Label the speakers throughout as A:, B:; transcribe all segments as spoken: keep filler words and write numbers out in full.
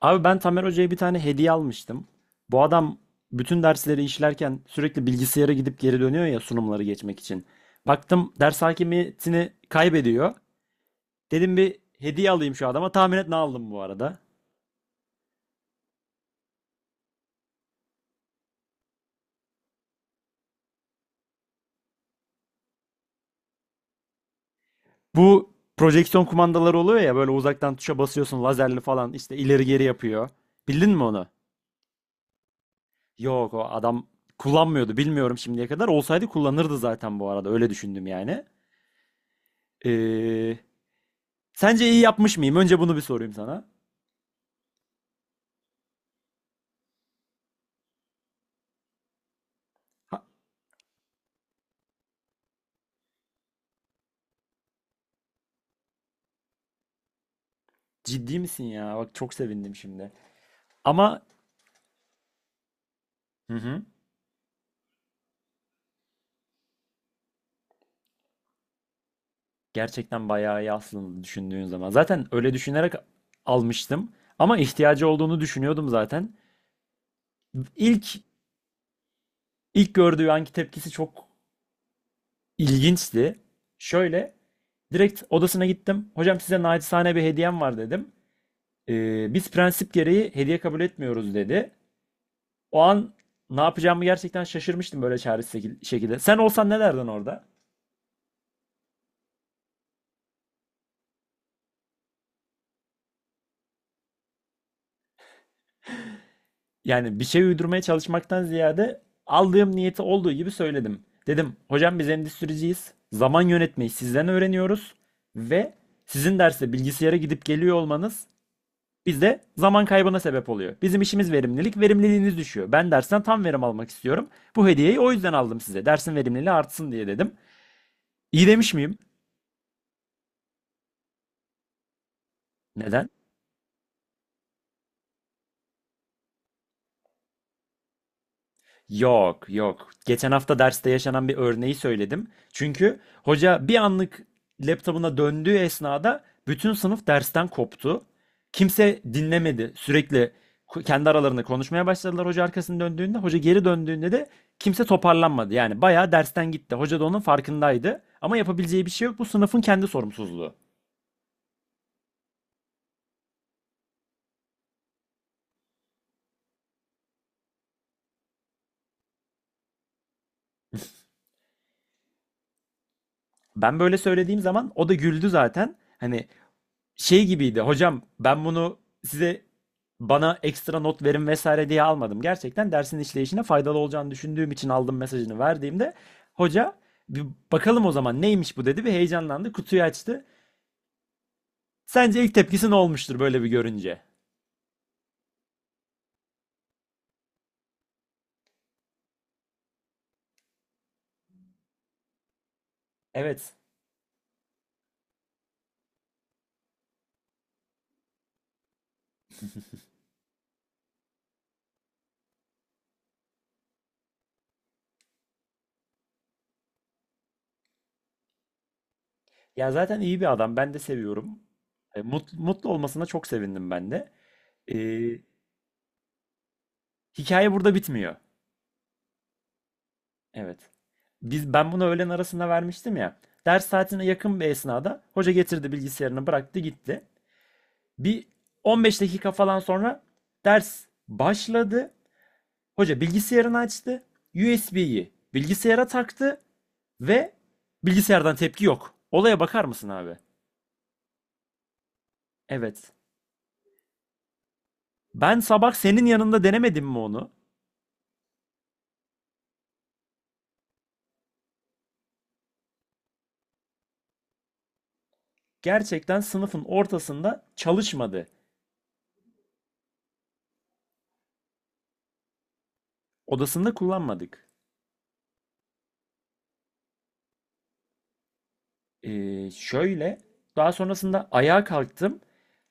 A: Abi ben Tamer Hoca'ya bir tane hediye almıştım. Bu adam bütün dersleri işlerken sürekli bilgisayara gidip geri dönüyor ya sunumları geçmek için. Baktım ders hakimiyetini kaybediyor. Dedim bir hediye alayım şu adama. Tahmin et ne aldım bu arada. Bu projeksiyon kumandaları oluyor ya böyle uzaktan tuşa basıyorsun lazerli falan işte ileri geri yapıyor. Bildin mi onu? Yok, o adam kullanmıyordu bilmiyorum şimdiye kadar. Olsaydı kullanırdı zaten bu arada öyle düşündüm yani. Ee, Sence iyi yapmış mıyım? Önce bunu bir sorayım sana. Ciddi misin ya? Bak çok sevindim şimdi. Ama hı hı, gerçekten bayağı iyi aslında düşündüğün zaman. Zaten öyle düşünerek almıştım. Ama ihtiyacı olduğunu düşünüyordum zaten. İlk ilk gördüğü anki tepkisi çok ilginçti. Şöyle direkt odasına gittim. Hocam size naçizane bir hediyem var dedim. "Ee, biz prensip gereği hediye kabul etmiyoruz" dedi. O an ne yapacağımı gerçekten şaşırmıştım böyle çaresiz şekil- şekilde. Sen olsan ne derdin orada? Yani bir şey uydurmaya çalışmaktan ziyade aldığım niyeti olduğu gibi söyledim. Dedim hocam biz endüstriciyiz. Zaman yönetmeyi sizden öğreniyoruz ve sizin derste bilgisayara gidip geliyor olmanız bizde zaman kaybına sebep oluyor. Bizim işimiz verimlilik, verimliliğiniz düşüyor. Ben dersten tam verim almak istiyorum. Bu hediyeyi o yüzden aldım size. Dersin verimliliği artsın diye dedim. İyi demiş miyim? Neden? Yok, yok. Geçen hafta derste yaşanan bir örneği söyledim. Çünkü hoca bir anlık laptopuna döndüğü esnada bütün sınıf dersten koptu. Kimse dinlemedi. Sürekli ku- kendi aralarında konuşmaya başladılar hoca arkasını döndüğünde. Hoca geri döndüğünde de kimse toparlanmadı. Yani bayağı dersten gitti. Hoca da onun farkındaydı. Ama yapabileceği bir şey yok. Bu sınıfın kendi sorumsuzluğu. Ben böyle söylediğim zaman o da güldü zaten. Hani şey gibiydi. Hocam ben bunu size bana ekstra not verin vesaire diye almadım. Gerçekten dersin işleyişine faydalı olacağını düşündüğüm için aldım mesajını verdiğimde hoca bir bakalım o zaman neymiş bu dedi ve heyecanlandı. Kutuyu açtı. Sence ilk tepkisi ne olmuştur böyle bir görünce? Evet. Ya zaten iyi bir adam. Ben de seviyorum. E, mut- mutlu olmasına çok sevindim ben de. E, hikaye burada bitmiyor. Evet. Biz ben bunu öğlen arasında vermiştim ya. Ders saatine yakın bir esnada hoca getirdi bilgisayarını bıraktı gitti. Bir on beş dakika falan sonra ders başladı. Hoca bilgisayarını açtı. U S B'yi bilgisayara taktı ve bilgisayardan tepki yok. Olaya bakar mısın abi? Evet. Ben sabah senin yanında denemedim mi onu? Gerçekten sınıfın ortasında çalışmadı. Odasında kullanmadık. Ee, şöyle daha sonrasında ayağa kalktım.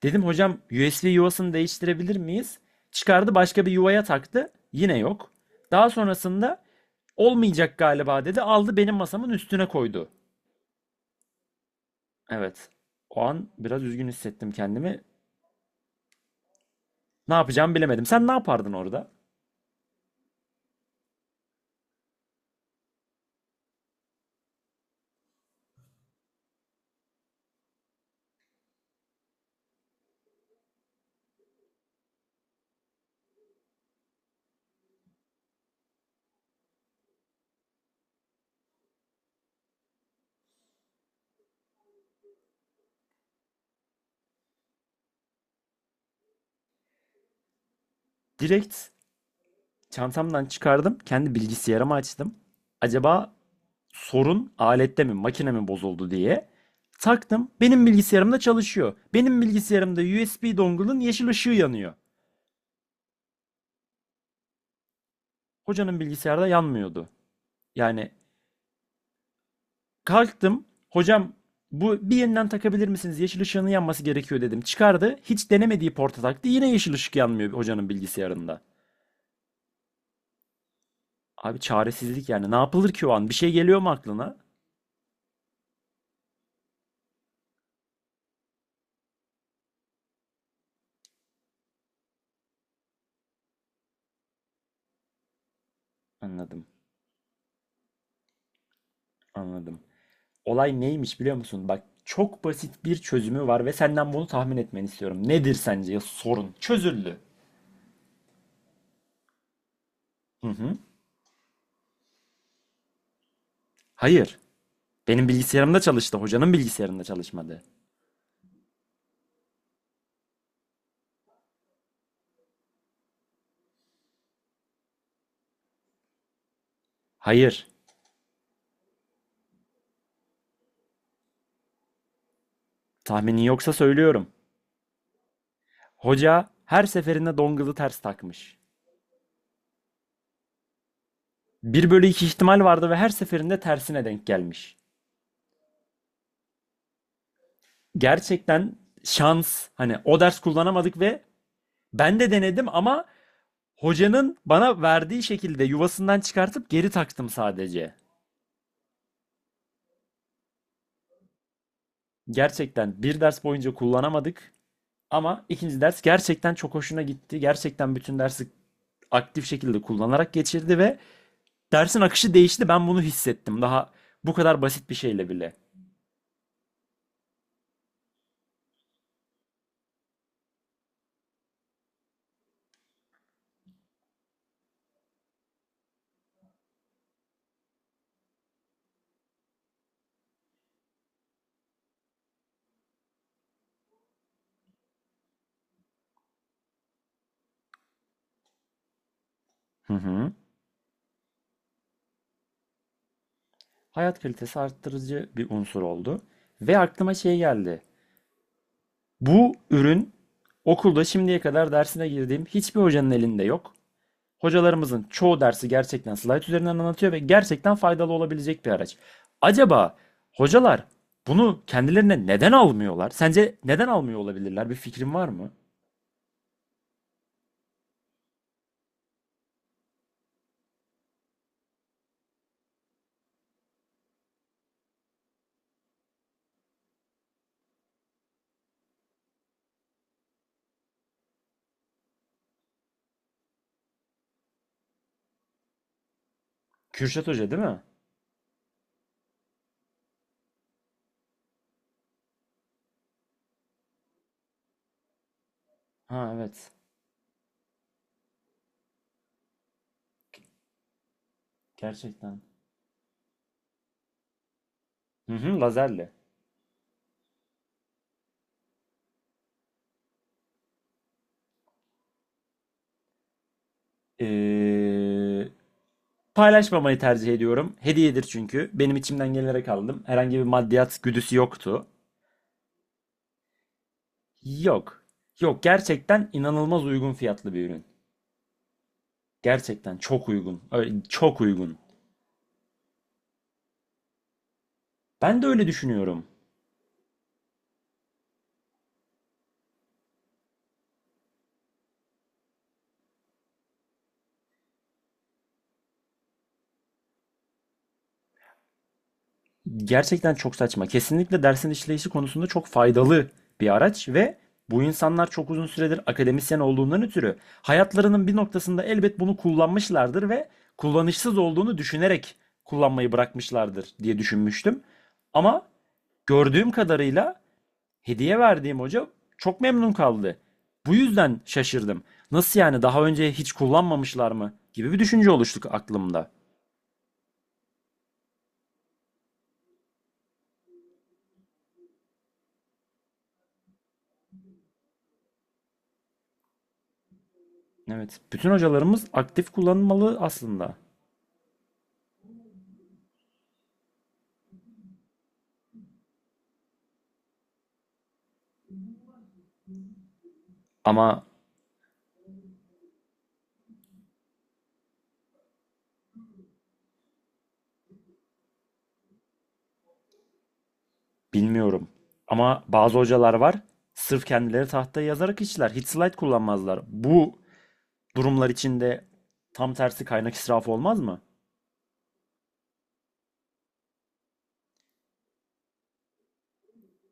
A: Dedim hocam U S B yuvasını değiştirebilir miyiz? Çıkardı başka bir yuvaya taktı. Yine yok. Daha sonrasında olmayacak galiba dedi. Aldı benim masamın üstüne koydu. Evet. O an biraz üzgün hissettim kendimi. Ne yapacağımı bilemedim. Sen ne yapardın orada? Direkt çantamdan çıkardım. Kendi bilgisayarımı açtım. Acaba sorun alette mi makine mi bozuldu diye taktım. Benim bilgisayarımda çalışıyor. Benim bilgisayarımda U S B dongle'ın yeşil ışığı yanıyor. Hocanın bilgisayarda yanmıyordu. Yani kalktım. Hocam bu bir yeniden takabilir misiniz? Yeşil ışığının yanması gerekiyor dedim. Çıkardı. Hiç denemediği porta taktı. Yine yeşil ışık yanmıyor hocanın bilgisayarında. Abi çaresizlik yani. Ne yapılır ki o an? Bir şey geliyor mu aklına? Anladım. Anladım. Olay neymiş biliyor musun? Bak çok basit bir çözümü var ve senden bunu tahmin etmeni istiyorum. Nedir sence sorun? Çözüldü. Hı hı. Hayır. Benim bilgisayarımda çalıştı. Hocanın bilgisayarında çalışmadı. Hayır. Tahminin yoksa söylüyorum. Hoca her seferinde dongle'ı ters takmış. Bir bölü iki ihtimal vardı ve her seferinde tersine denk gelmiş. Gerçekten şans. Hani o ders kullanamadık ve ben de denedim ama hocanın bana verdiği şekilde yuvasından çıkartıp geri taktım sadece. Gerçekten bir ders boyunca kullanamadık ama ikinci ders gerçekten çok hoşuna gitti. Gerçekten bütün dersi aktif şekilde kullanarak geçirdi ve dersin akışı değişti. Ben bunu hissettim. Daha bu kadar basit bir şeyle bile. Hı hı. Hayat kalitesi arttırıcı bir unsur oldu. Ve aklıma şey geldi. Bu ürün okulda şimdiye kadar dersine girdiğim hiçbir hocanın elinde yok. Hocalarımızın çoğu dersi gerçekten slayt üzerinden anlatıyor ve gerçekten faydalı olabilecek bir araç. Acaba hocalar bunu kendilerine neden almıyorlar? Sence neden almıyor olabilirler? Bir fikrin var mı? Kürşat Hoca değil mi? Ha evet. Gerçekten. Hı hı, lazerle. Ee, Paylaşmamayı tercih ediyorum. Hediyedir çünkü. Benim içimden gelerek aldım. Herhangi bir maddiyat güdüsü yoktu. Yok. Yok, gerçekten inanılmaz uygun fiyatlı bir ürün. Gerçekten çok uygun. Öyle, çok uygun. Ben de öyle düşünüyorum. Gerçekten çok saçma. Kesinlikle dersin işleyişi konusunda çok faydalı bir araç ve bu insanlar çok uzun süredir akademisyen olduğundan ötürü hayatlarının bir noktasında elbet bunu kullanmışlardır ve kullanışsız olduğunu düşünerek kullanmayı bırakmışlardır diye düşünmüştüm. Ama gördüğüm kadarıyla hediye verdiğim hoca çok memnun kaldı. Bu yüzden şaşırdım. Nasıl yani daha önce hiç kullanmamışlar mı gibi bir düşünce oluştu aklımda. Evet. Bütün hocalarımız aktif kullanılmalı aslında. Ama bilmiyorum. Ama bazı hocalar var. Sırf kendileri tahtaya yazarak işler. Hiç slide kullanmazlar. Bu durumlar içinde tam tersi kaynak israfı olmaz mı?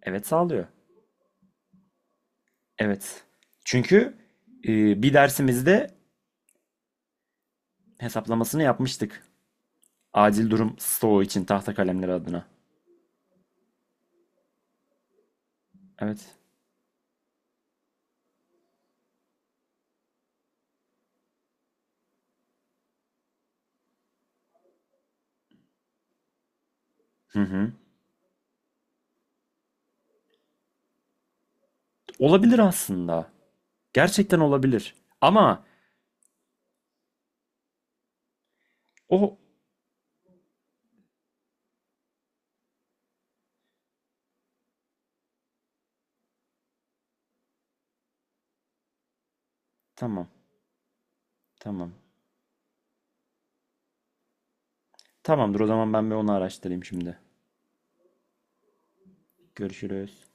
A: Evet sağlıyor. Evet. Çünkü e, bir dersimizde hesaplamasını yapmıştık. Acil durum stoğu için tahta kalemler adına. Evet. Hı hı. Olabilir aslında. Gerçekten olabilir. Ama o tamam. Tamam. Tamamdır o zaman ben bir onu araştırayım şimdi. Görüşürüz.